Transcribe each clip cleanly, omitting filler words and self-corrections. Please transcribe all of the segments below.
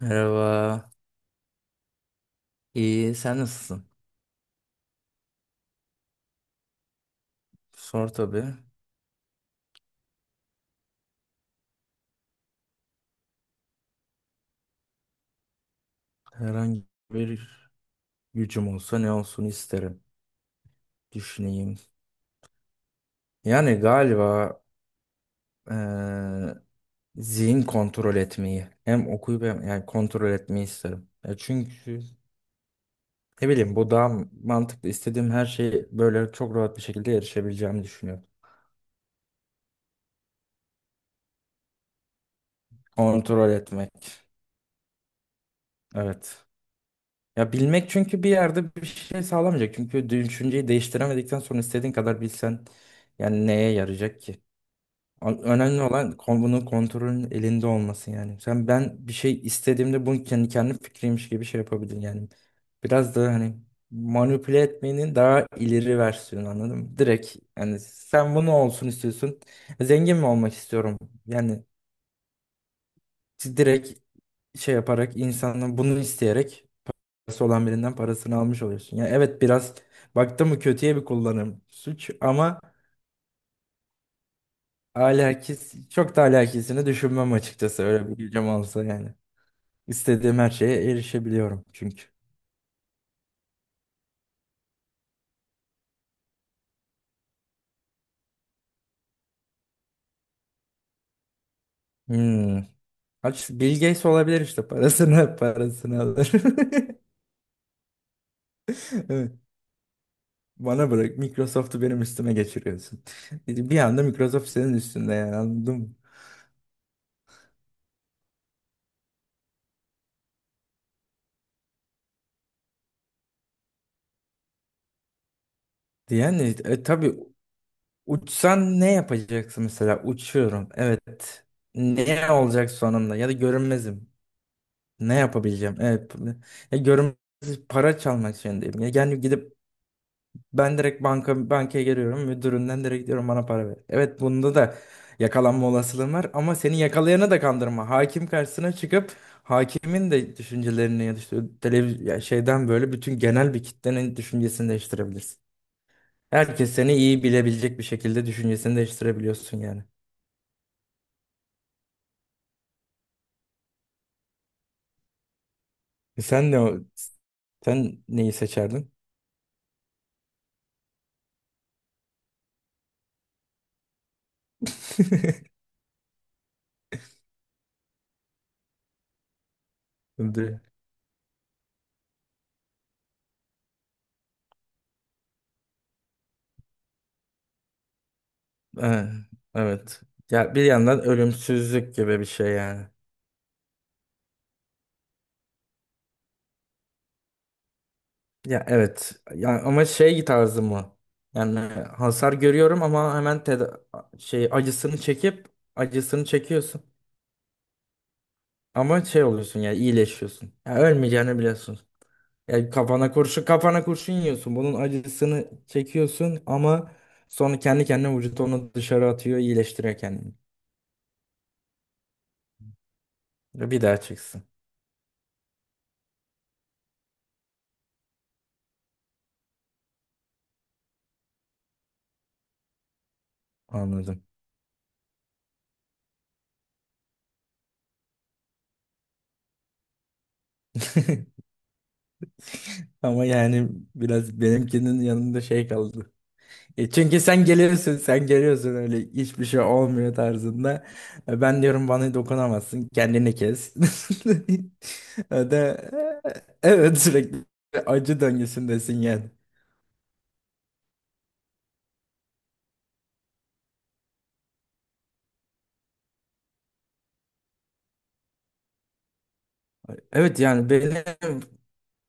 Merhaba. İyi, sen nasılsın? Sor tabii. Herhangi bir gücüm olsa ne olsun isterim. Düşüneyim. Yani galiba eee, zihin kontrol etmeyi hem okuyup hem yani kontrol etmeyi isterim. Ya çünkü ne bileyim bu daha mantıklı. İstediğim her şeyi böyle çok rahat bir şekilde erişebileceğimi düşünüyorum. Kontrol etmek. Evet. Ya bilmek çünkü bir yerde bir şey sağlamayacak. Çünkü düşünceyi değiştiremedikten sonra istediğin kadar bilsen yani neye yarayacak ki? Önemli olan bunun kontrolün elinde olması yani. Sen ben bir şey istediğimde bunu kendi fikriymiş gibi şey yapabilirim yani. Biraz da hani manipüle etmenin daha ileri versiyonu anladın mı? Direkt yani sen bunu olsun istiyorsun. Zengin mi olmak istiyorum? Yani direkt şey yaparak insanın bunu isteyerek parası olan birinden parasını almış oluyorsun. Ya evet biraz baktım mı kötüye bir kullanım suç ama alakis çok da alakisini düşünmem açıkçası öyle bir gücüm olsa yani. İstediğim her şeye erişebiliyorum çünkü. Hmm. Aç Bill Gates olabilir işte parasını parasını alır. Evet. Bana bırak Microsoft'u benim üstüme geçiriyorsun. Bir anda Microsoft senin üstünde yani anladın mı? Yani tabii. Uçsan ne yapacaksın mesela? Uçuyorum. Evet. Ne olacak sonunda? Ya da görünmezim. Ne yapabileceğim? Evet. Ya görünmez para çalmak zorundayım. Ya yani gidip ben direkt bankaya geliyorum. Müdüründen direkt diyorum bana para ver. Evet bunda da yakalanma olasılığın var ama seni yakalayanı da kandırma. Hakim karşısına çıkıp hakimin de düşüncelerini ya da işte ya şeyden böyle bütün genel bir kitlenin düşüncesini değiştirebilirsin. Herkes seni iyi bilebilecek bir şekilde düşüncesini değiştirebiliyorsun yani. Sen ne o- sen neyi seçerdin? De- Ha, evet. Ya bir yandan ölümsüzlük gibi bir şey yani. Ya evet. Ya ama şey tarzı mı? Yani hasar görüyorum ama hemen şey acısını çekip acısını çekiyorsun. Ama şey oluyorsun yani iyileşiyorsun. Ya ölmeyeceğini biliyorsun. Yani kafana kurşun yiyorsun. Bunun acısını çekiyorsun ama sonra kendi kendine vücut onu dışarı atıyor iyileştiriyor kendini. Bir daha çıksın. Anladım. Ama yani biraz benimkinin yanında şey kaldı. E çünkü sen geliyorsun öyle hiçbir şey olmuyor tarzında. E ben diyorum bana dokunamazsın, kendini kes. O da e, evet sürekli acı döngüsündesin yani. Evet yani benim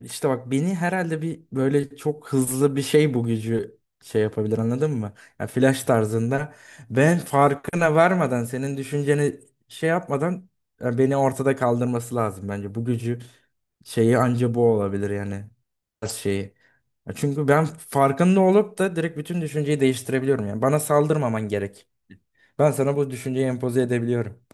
İşte bak beni herhalde bir böyle çok hızlı bir şey bu gücü şey yapabilir anladın mı? Ya flash tarzında ben farkına varmadan senin düşünceni şey yapmadan ya beni ortada kaldırması lazım bence. Bu gücü şeyi anca bu olabilir yani şeyi. Ya çünkü ben farkında olup da direkt bütün düşünceyi değiştirebiliyorum yani. Bana saldırmaman gerek. Ben sana bu düşünceyi empoze edebiliyorum.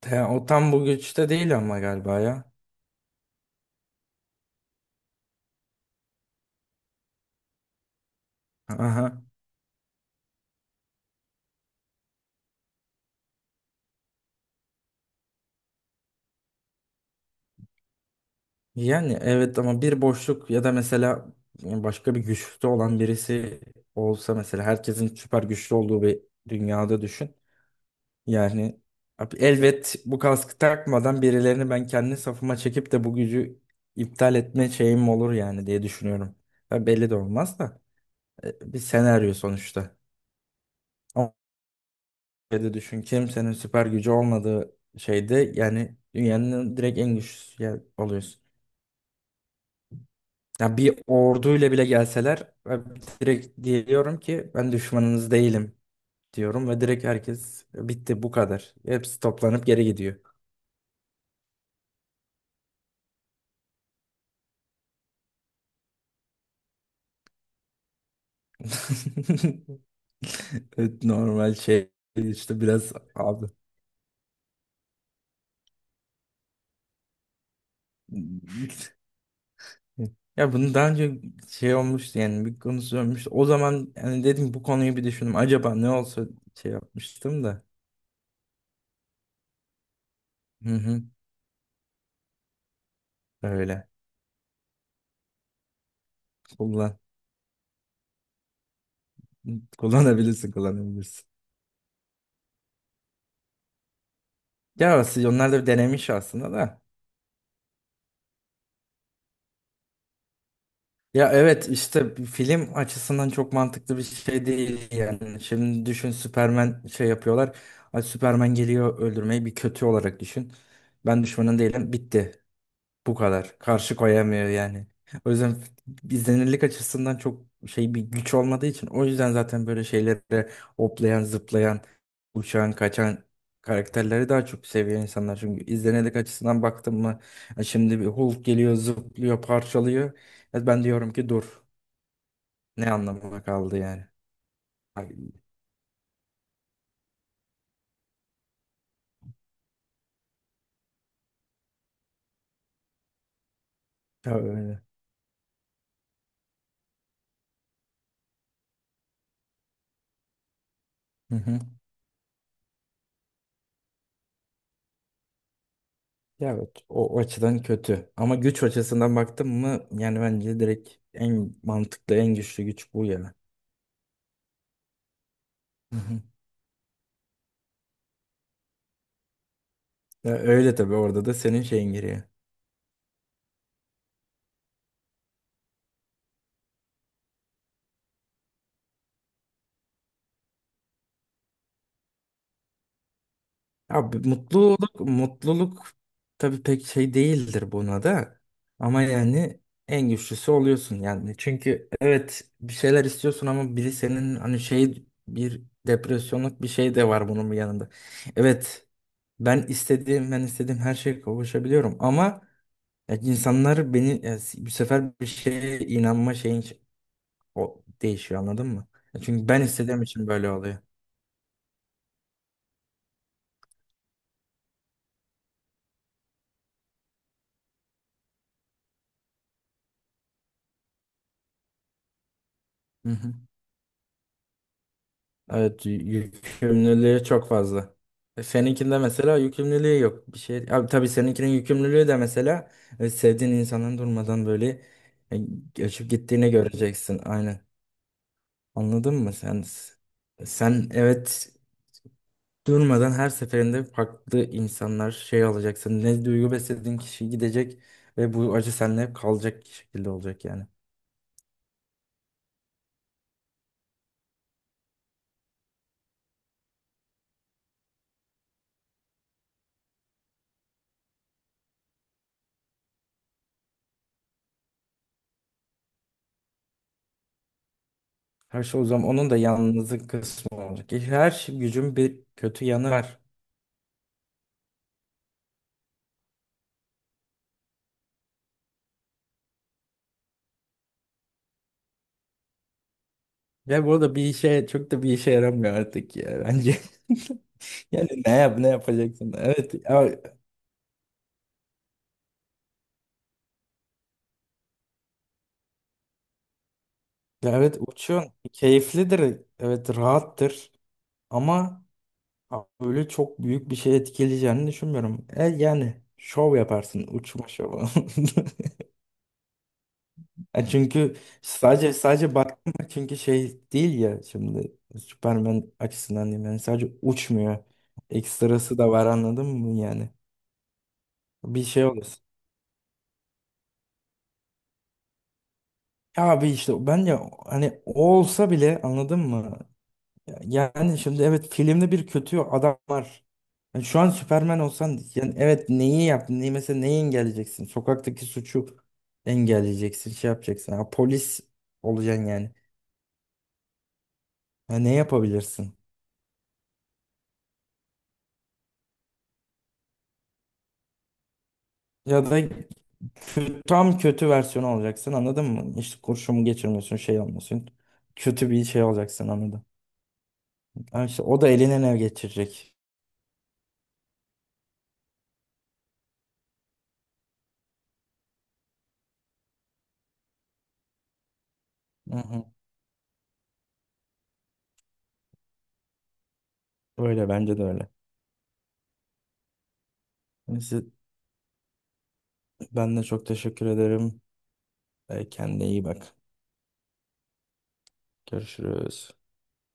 O tam bu güçte değil ama galiba ya. Aha. Yani evet ama bir boşluk ya da mesela yani başka bir güçte olan birisi olsa mesela herkesin süper güçlü olduğu bir dünyada düşün. Yani abi elbet bu kaskı takmadan birilerini ben kendi safıma çekip de bu gücü iptal etme şeyim olur yani diye düşünüyorum. Ya belli de olmaz da bir senaryo sonuçta. Ama öyle de düşün kimsenin süper gücü olmadığı şeyde yani dünyanın direkt en güçlüsü oluyorsun. Ya bir orduyla bile gelseler ben direkt diyorum ki ben düşmanınız değilim diyorum ve direkt herkes bitti bu kadar. Hepsi toplanıp geri gidiyor. Evet, normal şey işte biraz abi. Ya bunu daha önce şey olmuştu yani bir konusu olmuştu. O zaman yani dedim bu konuyu bir düşündüm. Acaba ne olsa şey yapmıştım da. Hı hı, öyle. Kullan. Kullanabilirsin kullanabilirsin. Ya aslında onlar da denemiş aslında da. Ya evet işte bir film açısından çok mantıklı bir şey değil yani. Şimdi düşün Superman şey yapıyorlar. Ay Superman geliyor öldürmeyi bir kötü olarak düşün. Ben düşmanın değilim bitti. Bu kadar. Karşı koyamıyor yani. O yüzden izlenirlik açısından çok şey bir güç olmadığı için o yüzden zaten böyle şeylere hoplayan, zıplayan, uçan, kaçan karakterleri daha çok seviyor insanlar. Çünkü izlenirlik açısından baktım mı ya şimdi bir Hulk geliyor, zıplıyor, parçalıyor. Ya ben diyorum ki dur. Ne anlamına kaldı yani? Ay, ya öyle. Hı hı. Ya evet, o açıdan kötü. Ama güç açısından baktım mı yani bence direkt en mantıklı, en güçlü güç bu ya. Ya öyle tabii orada da senin şeyin giriyor. Abi mutluluk mutluluk tabii pek şey değildir buna da. Ama yani en güçlüsü oluyorsun yani. Çünkü evet bir şeyler istiyorsun ama biri senin hani şey bir depresyonluk bir şey de var bunun bir yanında. Evet ben istediğim her şeye kavuşabiliyorum ama ya insanlar beni ya, bu sefer bir şeye inanma şeyin o değişiyor anladın mı? Ya çünkü ben istediğim için böyle oluyor. Hı hı. Evet yükümlülüğü çok fazla. E, seninkinde mesela yükümlülüğü yok. Bir şey. Abi tabii seninkinin yükümlülüğü de mesela sevdiğin insanın durmadan böyle e, göçüp gittiğini göreceksin. Aynen. Anladın mı sen? Sen evet durmadan her seferinde farklı insanlar şey alacaksın. Ne duygu beslediğin kişi gidecek ve bu acı seninle hep kalacak şekilde olacak yani. Her şey o zaman onun da yalnızlık kısmı olacak. E, her şey, gücün bir kötü yanı var. Ve bu da bir işe çok da bir işe yaramıyor artık ya bence. Yani ne yapacaksın? Evet ya, ya evet uçuyorsun. Keyiflidir. Evet rahattır. Ama Ama öyle çok büyük bir şey etkileyeceğini düşünmüyorum. E, yani şov yaparsın uçma şovu. E, çünkü sadece baktım da, çünkü şey değil ya şimdi Superman açısından diyeyim yani sadece uçmuyor. Ekstrası da var anladın mı yani? Bir şey olursa. Ya abi işte ben ya hani o olsa bile anladın mı? Yani şimdi evet filmde bir kötü adam var. Yani şu an Süperman olsan yani evet neyi yaptın? Neyi engelleyeceksin? Sokaktaki suçu engelleyeceksin, şey yapacaksın. Ha, polis olacaksın yani. Ya ne yapabilirsin? Ya da tam kötü versiyonu olacaksın anladın mı? İşte kurşumu geçirmiyorsun, şey olmuyorsun. Kötü bir şey olacaksın anladın. Ha işte o da eline ne geçirecek? Hı hı. Öyle bence de öyle. Neyse ben de çok teşekkür ederim. E, kendine iyi bak. Görüşürüz.